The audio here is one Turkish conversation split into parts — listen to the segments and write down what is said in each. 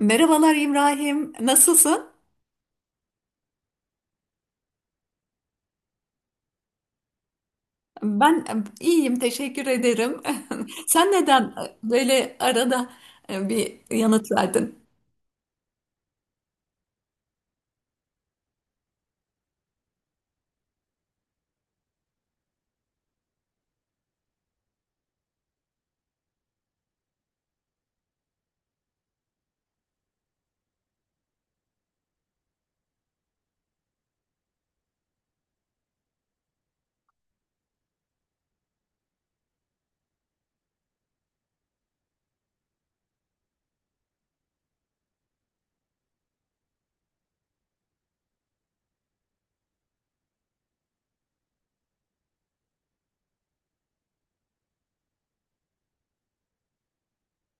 Merhabalar İbrahim, nasılsın? Ben iyiyim, teşekkür ederim. Sen neden böyle arada bir yanıt verdin?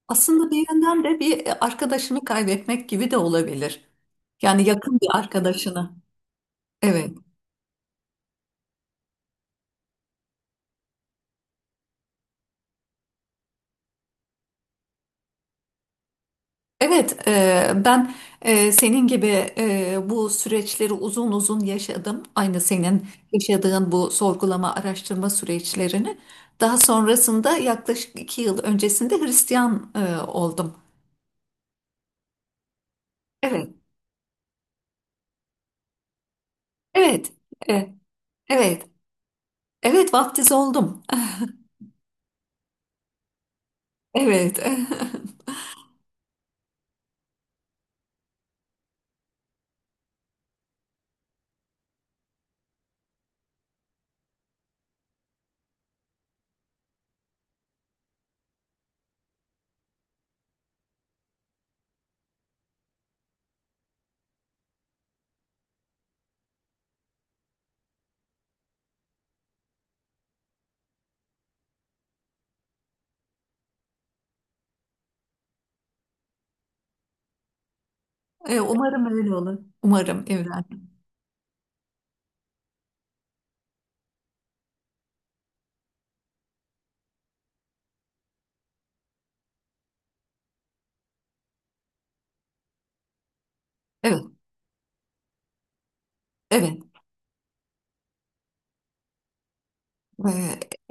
Aslında bir yönden de bir arkadaşını kaybetmek gibi de olabilir. Yani yakın bir arkadaşını. Evet, evet. Ben senin gibi bu süreçleri uzun uzun yaşadım. Aynı senin yaşadığın bu sorgulama, araştırma süreçlerini. Daha sonrasında yaklaşık iki yıl öncesinde Hristiyan oldum. Evet, evet, e, evet, evet vaftiz oldum. Evet, umarım öyle olur. Umarım evladım. Evet, evet. E,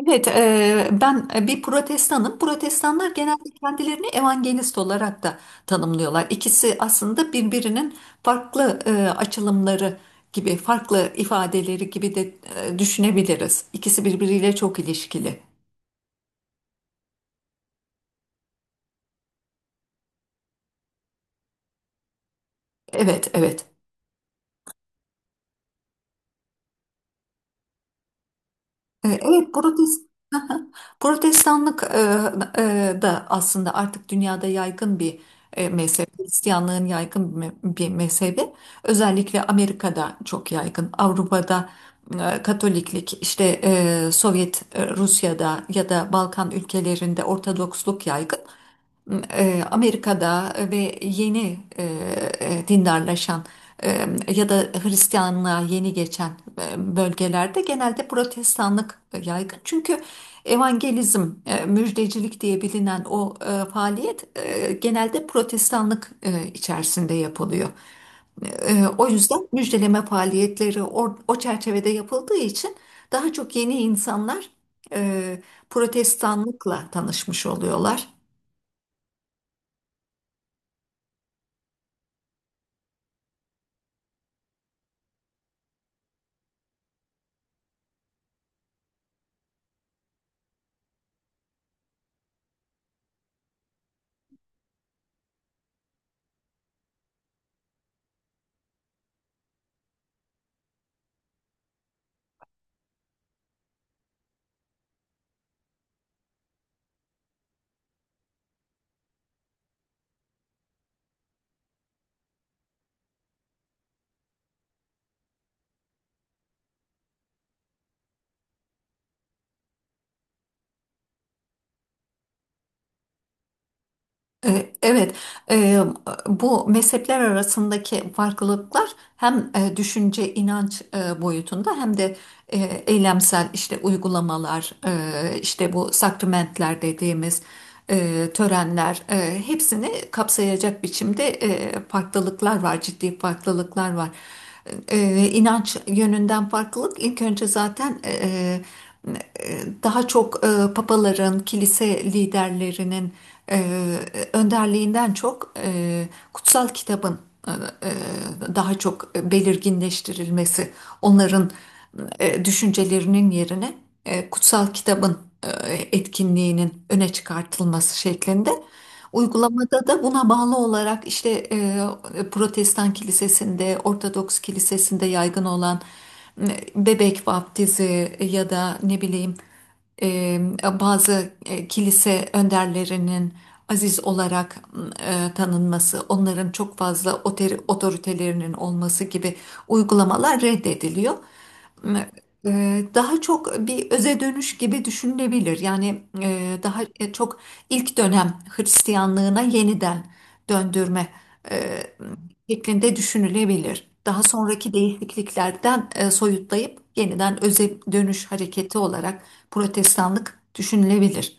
Ben bir protestanım. Protestanlar genelde kendilerini evangelist olarak da tanımlıyorlar. İkisi aslında birbirinin farklı açılımları gibi, farklı ifadeleri gibi de düşünebiliriz. İkisi birbiriyle çok ilişkili. Evet, evet. E, Evet, protest Protestanlık da aslında artık dünyada yaygın bir mezhep. Hristiyanlığın yaygın bir bir mezhebi. Özellikle Amerika'da çok yaygın. Avrupa'da Katoliklik, işte Sovyet Rusya'da ya da Balkan ülkelerinde Ortodoksluk yaygın Amerika'da ve yeni dindarlaşan e, ya da Hristiyanlığa yeni geçen bölgelerde genelde protestanlık yaygın. Çünkü evangelizm, müjdecilik diye bilinen o faaliyet genelde protestanlık içerisinde yapılıyor. O yüzden müjdeleme faaliyetleri o çerçevede yapıldığı için daha çok yeni insanlar e, protestanlıkla tanışmış oluyorlar. Evet, e, bu mezhepler arasındaki farklılıklar hem düşünce, inanç boyutunda hem de e, eylemsel işte uygulamalar, işte bu sakramentler dediğimiz e, törenler hepsini kapsayacak biçimde farklılıklar var, ciddi farklılıklar var. İnanç yönünden farklılık ilk önce zaten daha çok papaların, kilise liderlerinin e, önderliğinden çok kutsal kitabın e, e, daha çok belirginleştirilmesi, onların düşüncelerinin yerine kutsal kitabın etkinliğinin öne çıkartılması şeklinde. Uygulamada da buna bağlı olarak işte Protestan kilisesinde, Ortodoks kilisesinde yaygın olan e, bebek vaftizi ya da ne bileyim e, bazı kilise önderlerinin aziz olarak tanınması, onların çok fazla otoritelerinin olması gibi uygulamalar reddediliyor. Daha çok bir öze dönüş gibi düşünülebilir. Yani daha çok ilk dönem Hristiyanlığına yeniden döndürme eee, şeklinde düşünülebilir. Daha sonraki değişikliklerden soyutlayıp yeniden öze dönüş hareketi olarak Protestanlık düşünülebilir.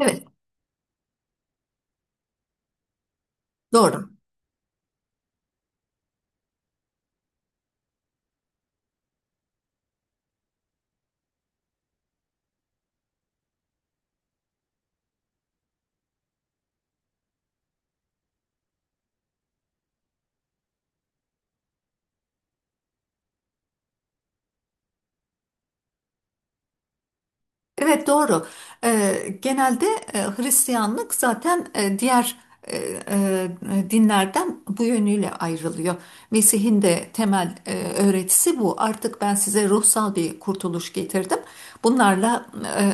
Evet, doğru. Evet doğru. Genelde Hristiyanlık zaten diğer e, e, dinlerden bu yönüyle ayrılıyor. Mesih'in de temel öğretisi bu. Artık ben size ruhsal bir kurtuluş getirdim. Bunlarla e,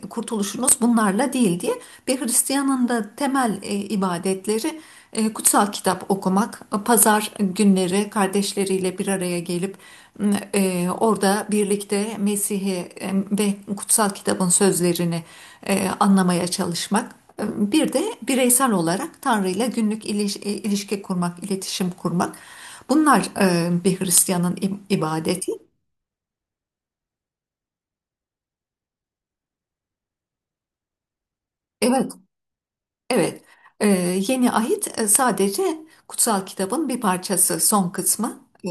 e, kurtuluşunuz bunlarla değil diye bir Hristiyanın da temel ibadetleri Kutsal kitap okumak, pazar günleri kardeşleriyle bir araya gelip orada birlikte Mesih'i ve kutsal kitabın sözlerini anlamaya çalışmak. Bir de bireysel olarak Tanrı'yla günlük ilişki kurmak, iletişim kurmak. Bunlar bir Hristiyanın ibadeti. Evet. Evet, e, yeni ahit sadece kutsal kitabın bir parçası, son kısmı. E,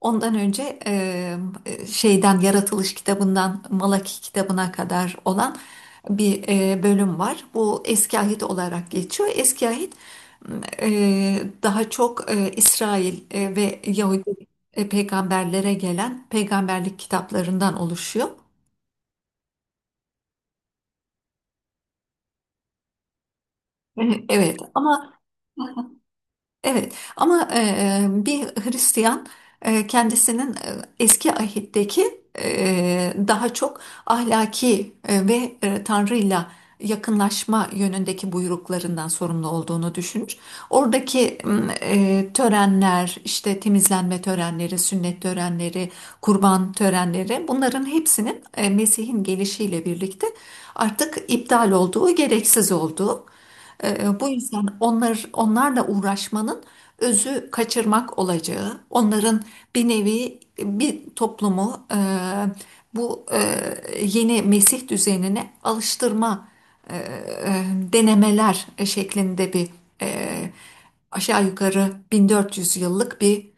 Ondan önce şeyden Yaratılış kitabından Malaki kitabına kadar olan bir bölüm var. Bu Eski Ahit olarak geçiyor. Eski Ahit daha çok İsrail ve Yahudi peygamberlere gelen peygamberlik kitaplarından oluşuyor. Evet, ama Evet ama bir Hristiyan kendisinin eski ahitteki daha çok ahlaki ve Tanrı'yla yakınlaşma yönündeki buyruklarından sorumlu olduğunu düşünür. Oradaki törenler, işte temizlenme törenleri, sünnet törenleri, kurban törenleri bunların hepsinin Mesih'in gelişiyle birlikte artık iptal olduğu, gereksiz olduğu. Bu yüzden onlarla uğraşmanın özü kaçırmak olacağı, onların bir nevi bir toplumu bu yeni Mesih düzenine alıştırma e, e, denemeler şeklinde bir e, aşağı yukarı 1400 yıllık bir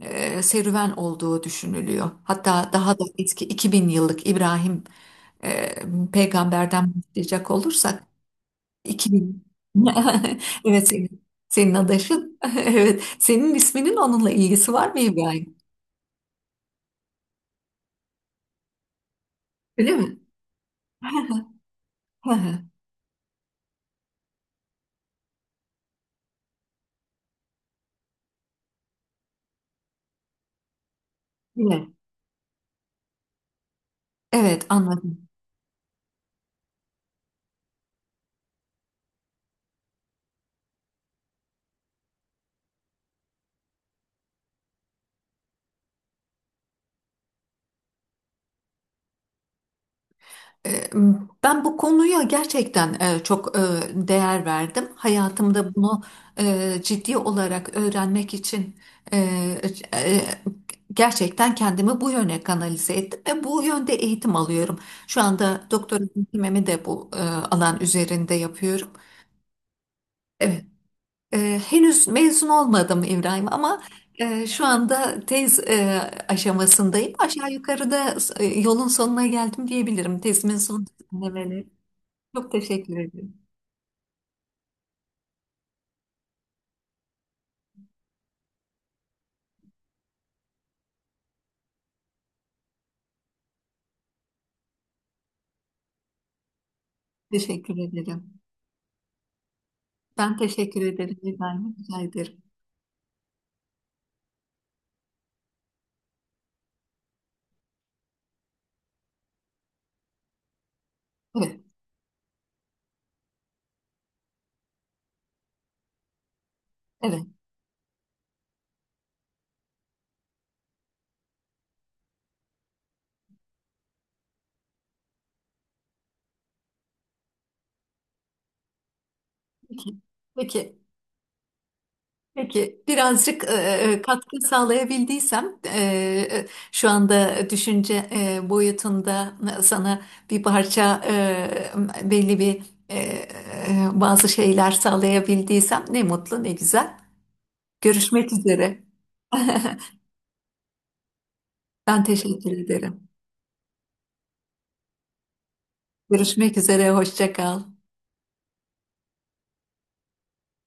serüven olduğu düşünülüyor. Hatta daha da eski 2000 yıllık İbrahim e, peygamberden başlayacak olursak 2000. Evet senin, senin adaşın. Evet. Senin isminin onunla ilgisi var mı İbrahim? Öyle mi? Evet. Evet anladım. Ee, Ben bu konuya gerçekten çok değer verdim. Hayatımda bunu ciddi olarak öğrenmek için e, e, gerçekten kendimi bu yöne kanalize ettim ve bu yönde eğitim alıyorum. Şu anda doktora eğitimimi de bu alan üzerinde yapıyorum. Evet. Ee, henüz mezun olmadım İbrahim ama şu anda tez aşamasındayım. Aşağı yukarıda yolun sonuna geldim diyebilirim. Tezimin son düzenlemeleri. Çok teşekkür ederim. Teşekkür ederim. Ben teşekkür ederim İbrahim. Rica ederim. Evet, evet. Peki, peki. Peki, birazcık katkı sağlayabildiysem e, şu anda düşünce boyutunda sana bir parça belli bir e, e, bazı şeyler sağlayabildiysem ne mutlu ne güzel. Görüşmek üzere. Ben teşekkür ederim. Görüşmek üzere, hoşça kal.